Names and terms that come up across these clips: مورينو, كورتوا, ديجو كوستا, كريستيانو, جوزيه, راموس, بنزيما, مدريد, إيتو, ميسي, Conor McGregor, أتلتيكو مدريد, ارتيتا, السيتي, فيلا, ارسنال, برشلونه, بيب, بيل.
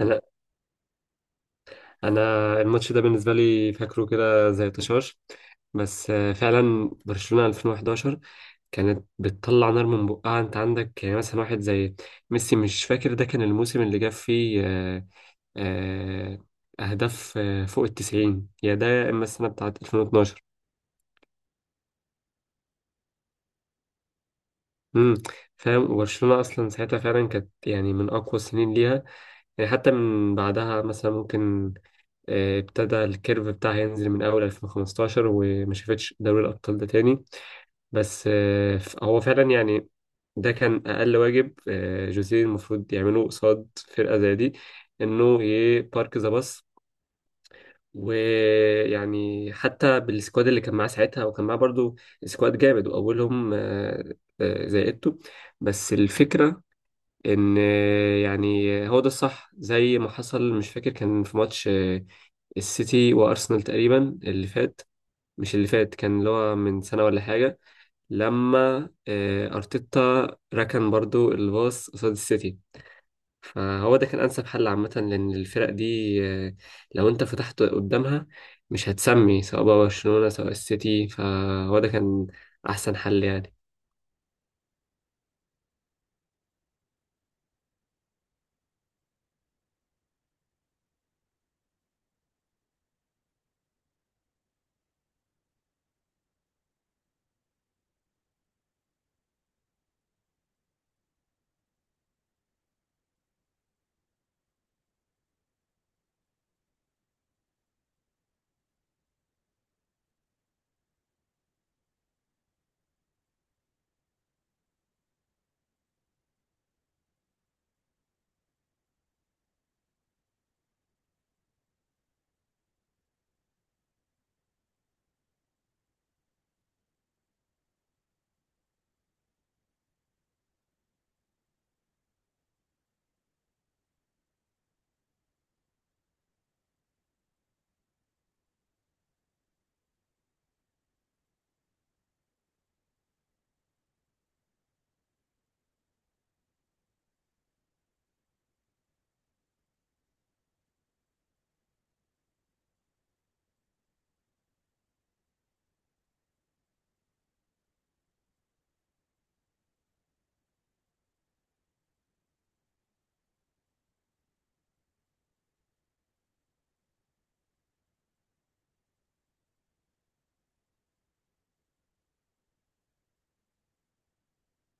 انا انا الماتش ده بالنسبه لي فاكره كده زي طشاش. بس فعلا برشلونه 2011 كانت بتطلع نار من بقها. انت عندك يعني مثلا واحد زي ميسي، مش فاكر ده كان الموسم اللي جاب فيه آه، اهداف فوق التسعين، يا ده يا اما السنه بتاعت 2012. امم فاهم. وبرشلونه اصلا ساعتها فعلا كانت يعني من اقوى السنين ليها، يعني حتى من بعدها مثلا ممكن ابتدى الكيرف بتاعها ينزل من أول 2015 وما شافتش دوري الأبطال ده تاني. بس هو فعلا يعني ده كان أقل واجب جوزيه المفروض يعمله قصاد فرقة زي دي، إنه يبارك ذا باص. ويعني حتى بالسكواد اللي كان معاه ساعتها، وكان معاه برضو سكواد جامد، وأولهم زي إيتو. بس الفكرة إن يعني هو ده الصح زي ما حصل. مش فاكر، كان في ماتش السيتي وارسنال تقريبا اللي فات، مش اللي فات، كان اللي هو من سنه ولا حاجه، لما ارتيتا ركن برضو الباص قصاد السيتي. فهو ده كان انسب حل عامه، لان الفرق دي آه، لو انت فتحت قدامها مش هتسمي، سواء بقى برشلونه سواء السيتي، فهو ده كان احسن حل يعني.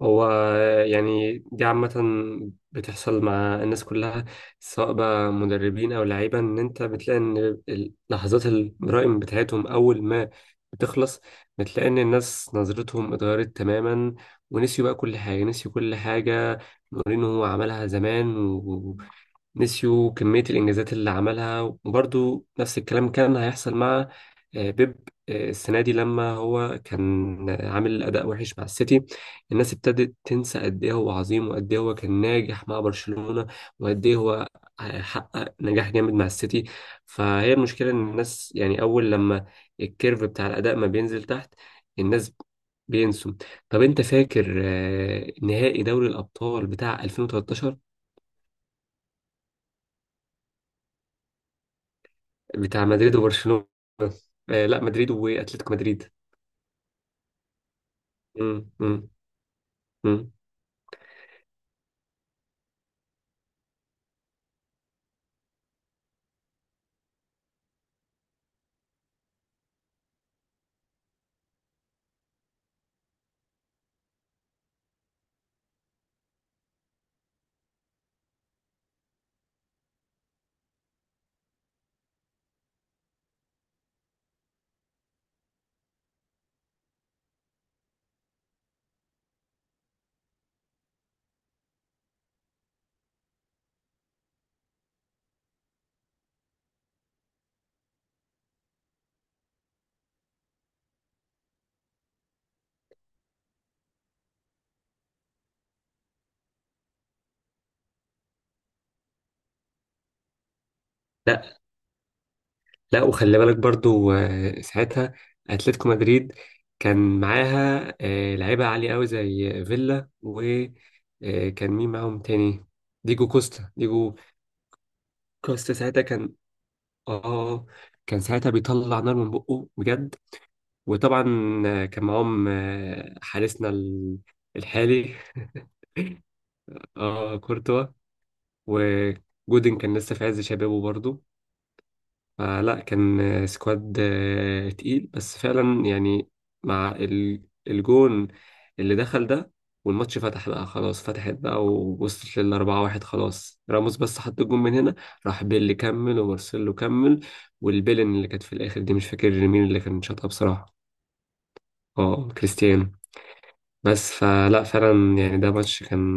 هو يعني دي عامة بتحصل مع الناس كلها، سواء بقى مدربين أو لعيبة، إن أنت بتلاقي إن لحظات الجرائم بتاعتهم أول ما بتخلص بتلاقي إن الناس نظرتهم اتغيرت تماما، ونسيوا بقى كل حاجة، نسيوا كل حاجة. مورينو عملها زمان، ونسيوا كمية الإنجازات اللي عملها. وبرضو نفس الكلام كان هيحصل مع بيب السنة دي لما هو كان عامل أداء وحش مع السيتي. الناس ابتدت تنسى قد إيه هو عظيم، وقد إيه هو كان ناجح مع برشلونة، وقد إيه هو حقق نجاح جامد مع السيتي. فهي المشكلة إن الناس، يعني أول لما الكيرف بتاع الأداء ما بينزل تحت، الناس بينسوا. طب أنت فاكر نهائي دوري الأبطال بتاع 2013، بتاع مدريد وبرشلونة؟ لا، مدريد وأتلتيكو مدريد. مم، مم، مم. لا، لا. وخلي بالك برضو ساعتها اتلتيكو مدريد كان معاها لعيبه عاليه قوي زي فيلا، وكان مين معاهم تاني؟ ديجو كوستا ساعتها كان، اه، كان ساعتها بيطلع نار من بقه بجد. وطبعا كان معاهم حارسنا الحالي، اه، كورتوا. وجودن كان لسه في عز شبابه برضو، فلا كان سكواد تقيل. بس فعلا يعني مع الجون اللي دخل ده، والماتش فتح بقى، خلاص فتحت بقى، ووصلت للأربعة واحد. خلاص راموس بس حط الجون من هنا، راح بيل كمل ومارسيلو كمل. والبيلن اللي كانت في الآخر دي مش فاكر مين اللي كان شاطها بصراحة. اه، كريستيانو. بس فلا فعلا يعني ده ماتش كان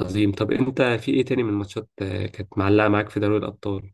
عظيم. طب انت في ايه تاني من الماتشات كانت معلقة معاك في دوري الأبطال؟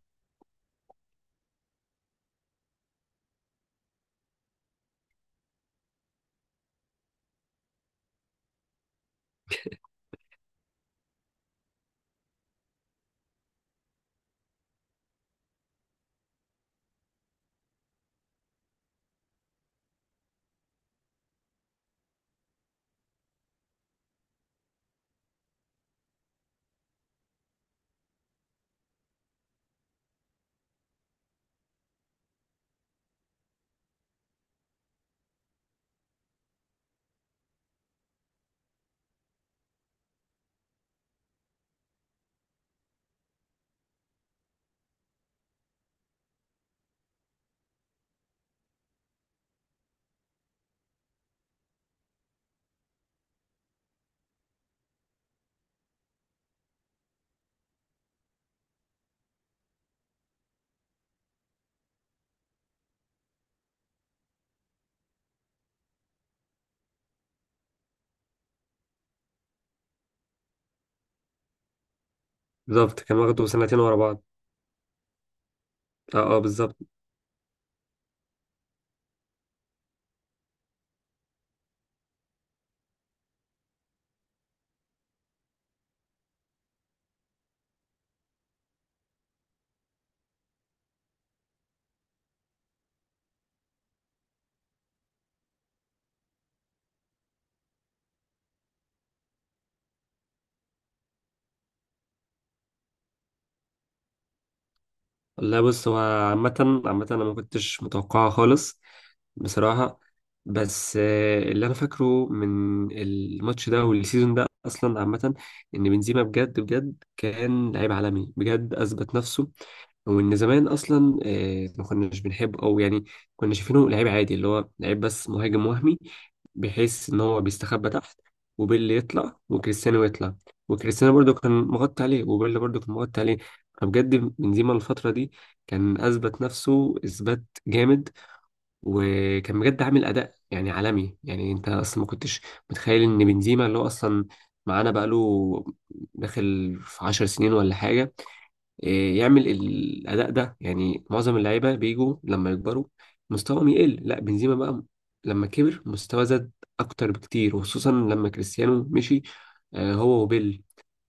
بالظبط، كان واخده سنتين ورا بعض. اه، اه، بالظبط. لا، بص، هو عامة عامة أنا ما كنتش متوقعها خالص بصراحة. بس اللي أنا فاكره من الماتش ده والسيزون ده أصلا عامة، إن بنزيما بجد بجد كان لعيب عالمي بجد، أثبت نفسه. وإن زمان أصلا ما كناش بنحبه، أو يعني كنا شايفينه لعيب عادي، اللي هو لعيب بس مهاجم وهمي، بحيث إن هو بيستخبى تحت وبيل يطلع وكريستيانو يطلع. وكريستيانو برضو كان مغطي عليه، وبيل برضو كان مغطي عليه. فبجد بنزيما الفترة دي كان أثبت نفسه إثبات جامد، وكان بجد عامل اداء يعني عالمي. يعني انت اصلا ما كنتش متخيل ان بنزيما، اللي هو اصلا معانا بقاله داخل في عشر سنين ولا حاجه، إيه، يعمل الاداء ده. يعني معظم اللعيبه بيجوا لما يكبروا مستواهم يقل. لا، بنزيما بقى لما كبر مستوى زاد اكتر بكتير، وخصوصا لما كريستيانو مشي هو وبيل.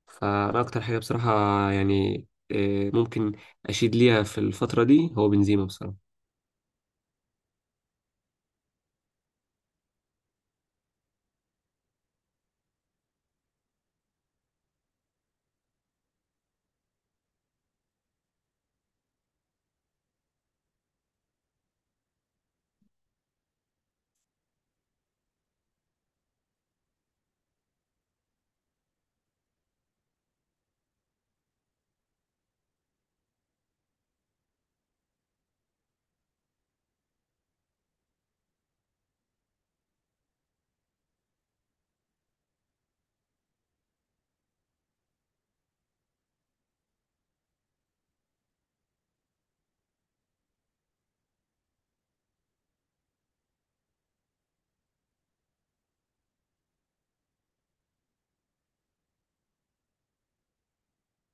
فانا اكتر حاجه بصراحه يعني ممكن اشيد ليها في الفتره دي هو بنزيما بصراحه.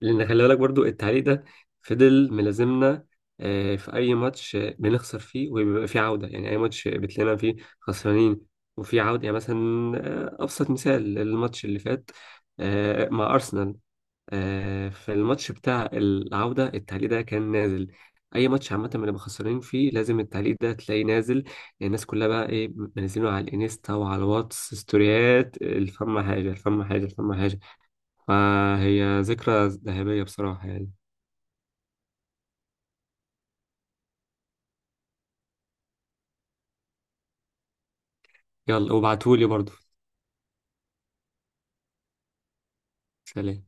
لان خلي بالك برضو التعليق ده فضل ملازمنا في اي ماتش بنخسر فيه وبيبقى فيه عوده، يعني اي ماتش بتلاقينا فيه خسرانين وفي عوده. يعني مثلا ابسط مثال الماتش اللي فات مع ارسنال، في الماتش بتاع العوده، التعليق ده كان نازل. اي ماتش عامه بنبقى خسرانين فيه لازم التعليق ده تلاقيه نازل. الناس كلها بقى ايه منزلينه على الانستا وعلى الواتس ستوريات، الفم حاجه، الفم حاجه، الفم حاجه. فهي ذكرى ذهبية بصراحة يعني. يلا وابعتهولي برضو. سلام.